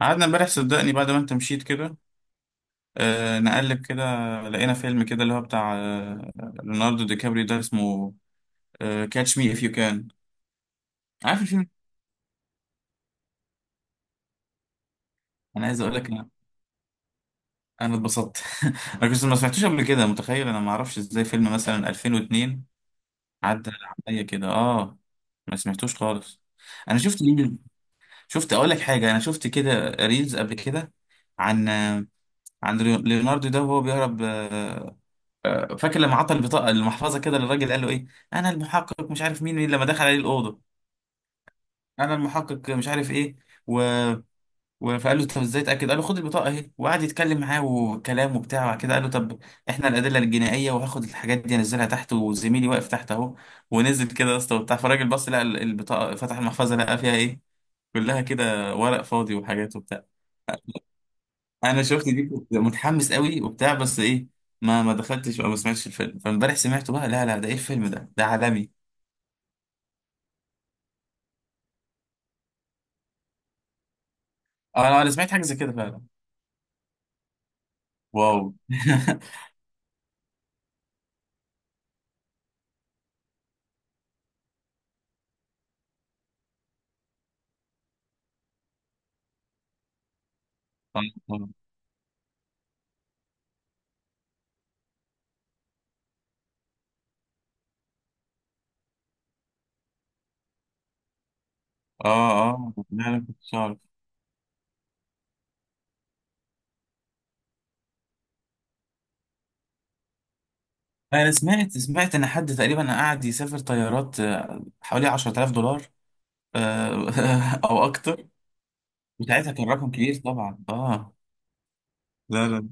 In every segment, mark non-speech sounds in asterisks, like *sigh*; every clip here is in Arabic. قعدنا امبارح صدقني بعد ما انت مشيت كده. نقلب كده، لقينا فيلم كده اللي هو بتاع ليوناردو دي كابريو، ده اسمه كاتش مي اف يو كان. عارف الفيلم؟ انا عايز اقول لك انا اتبسطت *laughs* انا كنت ما سمعتوش قبل كده، متخيل؟ انا ما اعرفش ازاي فيلم مثلا 2002 عدى عليا كده، اه، ما سمعتوش خالص. انا شفت مين، شفت، اقول لك حاجه، انا شفت كده ريلز قبل كده عن عن ليوناردو ده وهو بيهرب. فاكر لما عطى البطاقه المحفظه كده للراجل، قال له ايه؟ انا المحقق، مش عارف مين لما دخل عليه الاوضه. انا المحقق مش عارف ايه، و... فقال له طب ازاي اتاكد؟ قال له خد البطاقه اهي، وقعد يتكلم معاه وكلام وبتاع، وبعد كده قال له طب احنا الادله الجنائيه وهاخد الحاجات دي انزلها تحت، وزميلي واقف تحت اهو. ونزل كده يا اسطى وبتاع، فالراجل بص لقى البطاقه، فتح المحفظه لقى فيها ايه؟ كلها كده ورق فاضي وحاجات وبتاع. انا شفت دي كنت متحمس قوي وبتاع، بس ايه؟ ما دخلتش او ما سمعتش الفيلم، فامبارح سمعته بقى. لا لا، ده ايه الفيلم ده؟ ده عالمي! انا سمعت حاجه زي كده فعلا. واو! *laughs* اه اه، لا، انا كنت عارف. انا سمعت ان حد تقريبا قاعد يسافر طيارات، حوالي $10,000، *laughs* او اكتر. وساعتها كان رقم كبير طبعا. اه. لا لا،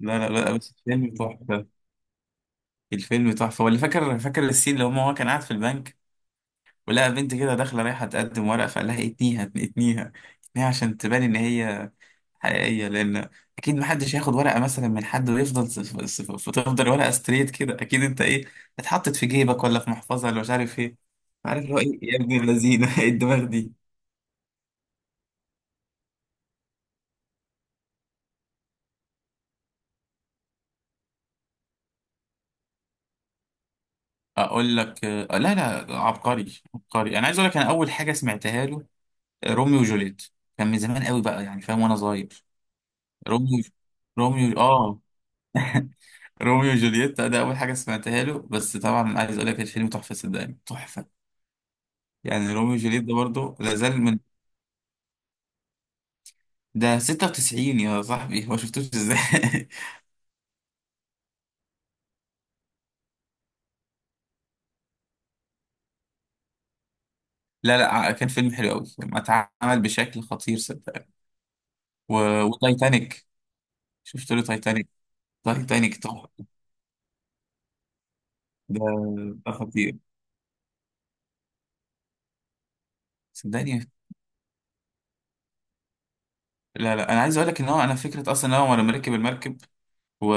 لا، بس الفيلم تحفه. الفيلم تحفه، ولا فاكر، فاكر السين اللي هو كان قاعد في البنك ولقى بنت كده داخله رايحه تقدم ورق، فقال لها اتنيها، اتنيها، اتنيها عشان تبان ان هي حقيقيه. لان اكيد محدش هياخد ورقه مثلا من حد ويفضل فتفضل ورقه ستريت كده. اكيد انت ايه؟ اتحطت في جيبك ولا في محفظه ولا مش عارف ايه. عارف اللي هو ايه يا ابن اللذينه؟ *laughs* ايه الدماغ دي! اقول لك لا لا، عبقري، عبقري. انا عايز اقول لك، انا اول حاجه سمعتها له روميو وجوليت. كان من زمان قوي بقى يعني، فاهم؟ وانا صغير. روميو، روميو، اه، روميو وجولييت ده اول حاجه سمعتها له، بس طبعا عايز اقول لك، الفيلم تحفه صدقني، تحفه. يعني روميو وجولييت ده برضه لازال من، ده 96 يا صاحبي، ما شفتوش ازاي؟ *laughs* لا لا، كان فيلم حلو قوي، ما اتعمل بشكل خطير صدقني. و... وتايتانيك، شفت له تايتانيك؟ تايتانيك تحفه، ده ده خطير صدقني. لا لا، انا عايز اقول لك ان هو، انا فكره اصلا ان هو لما ركب المركب و،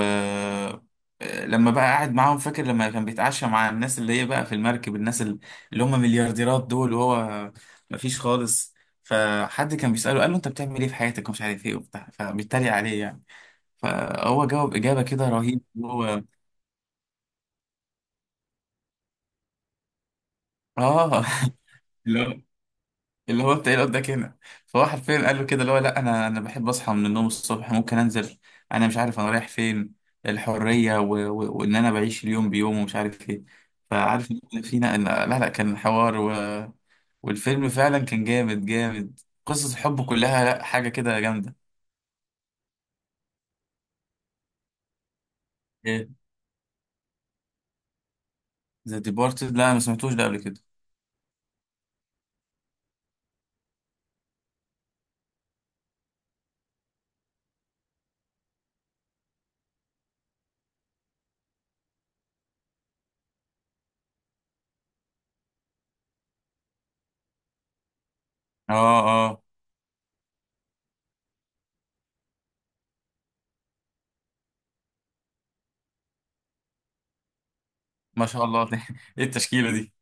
لما بقى قاعد معاهم، فاكر لما كان بيتعشى مع الناس اللي هي بقى في المركب، الناس اللي هم مليارديرات دول، وهو مفيش خالص، فحد كان بيسأله قال له انت بتعمل ايه في حياتك ومش عارف ايه وبتاع، فبيتريق عليه يعني. فهو جاوب إجابة كده رهيب هو. اه. *laughs* لا، اللي هو انت ايه اللي قدامك هنا، فهو حرفيا قال له كده اللي هو لا، انا، انا بحب اصحى من النوم الصبح ممكن انزل، انا مش عارف انا رايح فين، الحريه وان انا بعيش اليوم بيوم ومش عارف ايه. فعارف ان فينا ان لا لا، كان حوار. والفيلم فعلا كان جامد جامد، قصص الحب كلها، لا حاجه كده جامده. ايه؟ ذا ديبارتد؟ لا أنا ما سمعتوش ده قبل كده. اه اه. ما شاء الله *laughs* ايه التشكيله دي!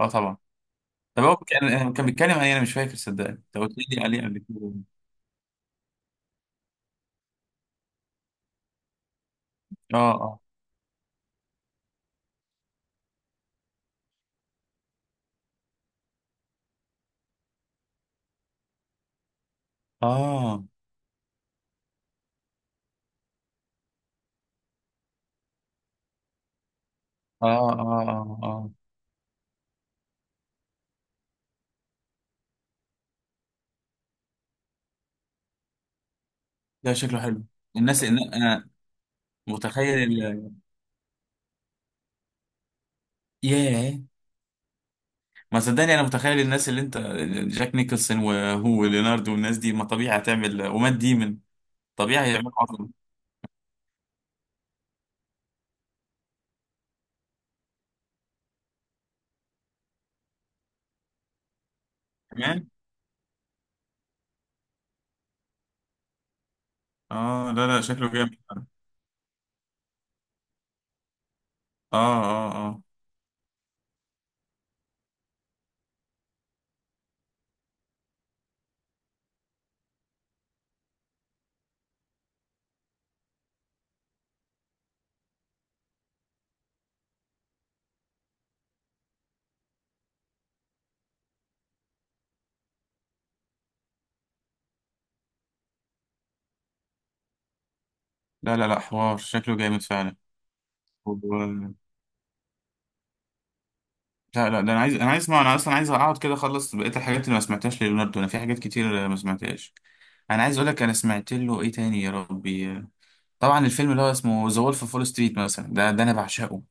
اه طبعا. طب هو كان كان بيتكلم عن ايه؟ انا مش فاكر صدقني، انت قلت لي عليه قبل كده. اه اه اه اه. اه اه اه. ده شكله حلو. الناس، إن انا متخيل ياه، ما صدقني، انا متخيل الناس اللي انت، جاك نيكلسون وهو وليناردو والناس دي، ما طبيعي هتعمل، ومات ديمن، طبيعي هيعملوا عظمه. كمان؟ اه لا لا شكله جامد. اه اه اه. لا لا لا، حوار، شكله جامد فعلا. و... لا لا، ده انا عايز، انا عايز اسمع. انا اصلا عايز اقعد كده اخلص بقيه الحاجات اللي ما سمعتهاش لليوناردو، انا في حاجات كتير ما سمعتهاش. انا عايز اقول لك انا سمعت له ايه تاني يا ربي؟ طبعا الفيلم اللي هو اسمه ذا وولف فول ستريت مثلا، ده ده انا بعشقه.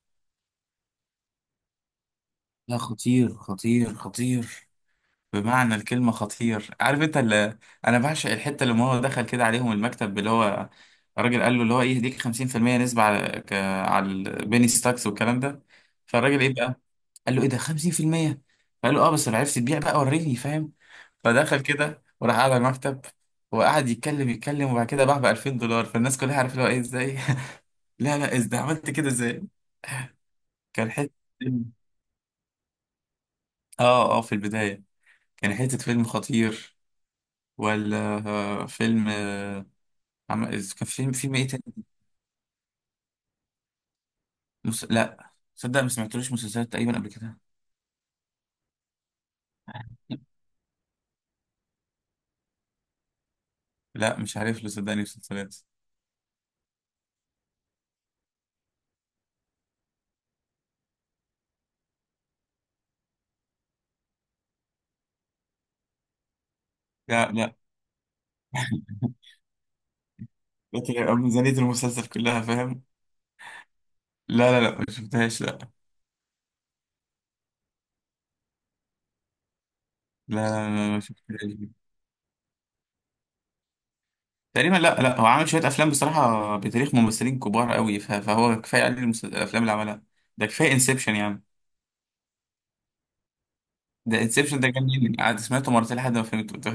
لا، خطير خطير خطير، بمعنى الكلمة خطير. عارف انت اللي، انا بعشق الحتة اللي هو دخل كده عليهم المكتب، اللي هو الراجل قال له اللي هو ايه يديك 50% نسبة على على البيني ستاكس والكلام ده. فالراجل ايه بقى، قال له ايه ده 50%؟ فقال له اه بس لو عرفت تبيع بقى، وريني، فاهم؟ فدخل كده وراح قاعد على المكتب، وقعد يتكلم، وبعد كده باع ب $2,000، فالناس كلها عارفه اللي هو ايه، ازاي؟ *laughs* لا لا، ازاي عملت كده، ازاي؟ كان حتة فيلم. اه اه في البداية، كان حتة فيلم خطير ولا، فيلم، كان فيلم، فيلم ايه تاني؟ لا صدق، ما سمعتلوش مسلسلات تقريبا قبل كده. لا مش عارف له صدقني مسلسلات. لا لا. *laughs* لكن يبقى ميزانية المسلسل كلها، فاهم؟ لا لا لا، ما شفتهاش لا. لا لا لا، ما شفتهاش. تقريبا لا لا، هو عامل شوية أفلام بصراحة بتاريخ ممثلين كبار قوي، فهو كفاية عليه الأفلام اللي عملها. ده كفاية انسبشن يعني. ده انسبشن، ده جنني، قعدت سمعته مرتين لحد ما فهمته *laughs* قلت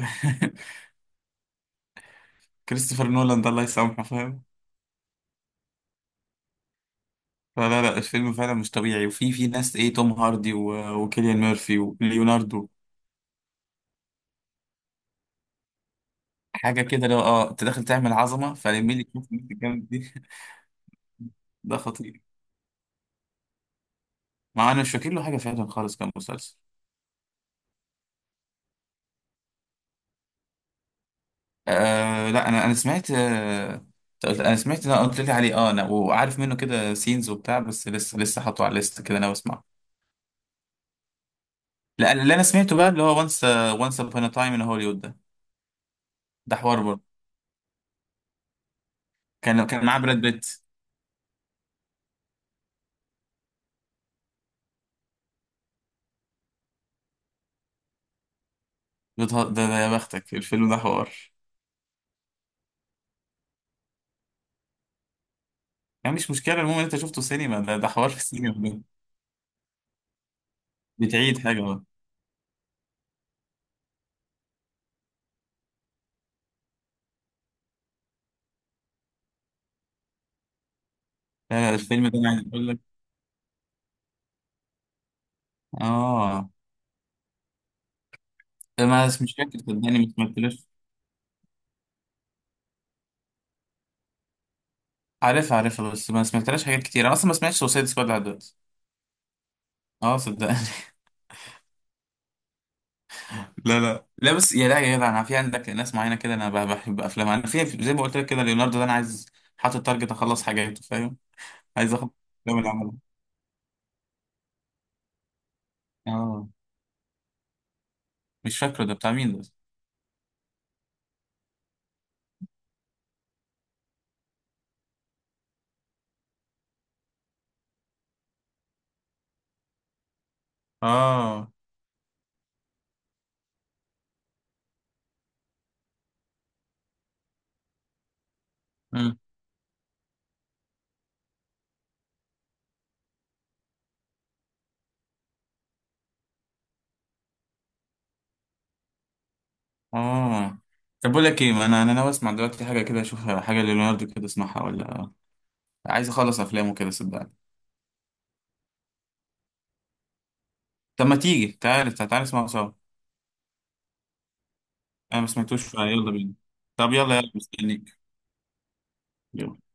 كريستوفر نولان ده الله يسامحه، فاهم؟ فلا لا، الفيلم فعلا مش طبيعي، وفي، في ناس ايه، توم هاردي وكيليان ميرفي وليوناردو، حاجه كده لو اه انت داخل تعمل عظمه، فلمي لي كيف الجامد دي. *laughs* ده خطير. مع انا مش فاكر له حاجه فعلا خالص كمسلسل. آه لا، انا سمعت آه، انا سمعت، انا قلت لي عليه اه، انا وعارف منه كده سينز وبتاع، بس لسه حاطه على الليست كده انا بسمعه. لا اللي انا سمعته بقى اللي هو وانس ابون تايم ان هوليوود، ده حوار برضه. كان كان معاه براد بيت. ده يا بختك الفيلم ده حوار. يعني مش مشكلة، المهم إن أنت شفته سينما، ده ده حوار في السينما ده. بتعيد حاجة بقى؟ لا لا، الفيلم ده أنا عايز أقول لك آه، ده ما مش فاكر صدقني ما سمعتلاش. عارفها، عارفها، بس ما سمعتلاش حاجات كتير، أنا أصلا ما سمعتش سوسايد سكواد لحد دلوقتي. اه صدقني. *laughs* لا لا لا، بس يا لا يا جدع، انا في عندك ناس معينه كده انا بحب افلامها. انا في زي ما قلت لك كده، ليوناردو ده انا عايز، حاطط تارجت اخلص حاجاته، فاهم؟ عايز اخلص الافلام اللي عملها. اه مش فاكره، ده بتاع مين ده؟ اه. مم. اه. طب بقول لك ايه، ما انا، انا ناوي اسمع دلوقتي حاجه كده، اشوف حاجه لليوناردو كده، اسمعها، ولا، عايز اخلص افلامه كده صدقني. طب ما تيجي، تعالى تعالى تعالى نسمعه سوا. انا ما سمعتوش، يلا بينا. طب يلا يلا، مستنيك. يلا.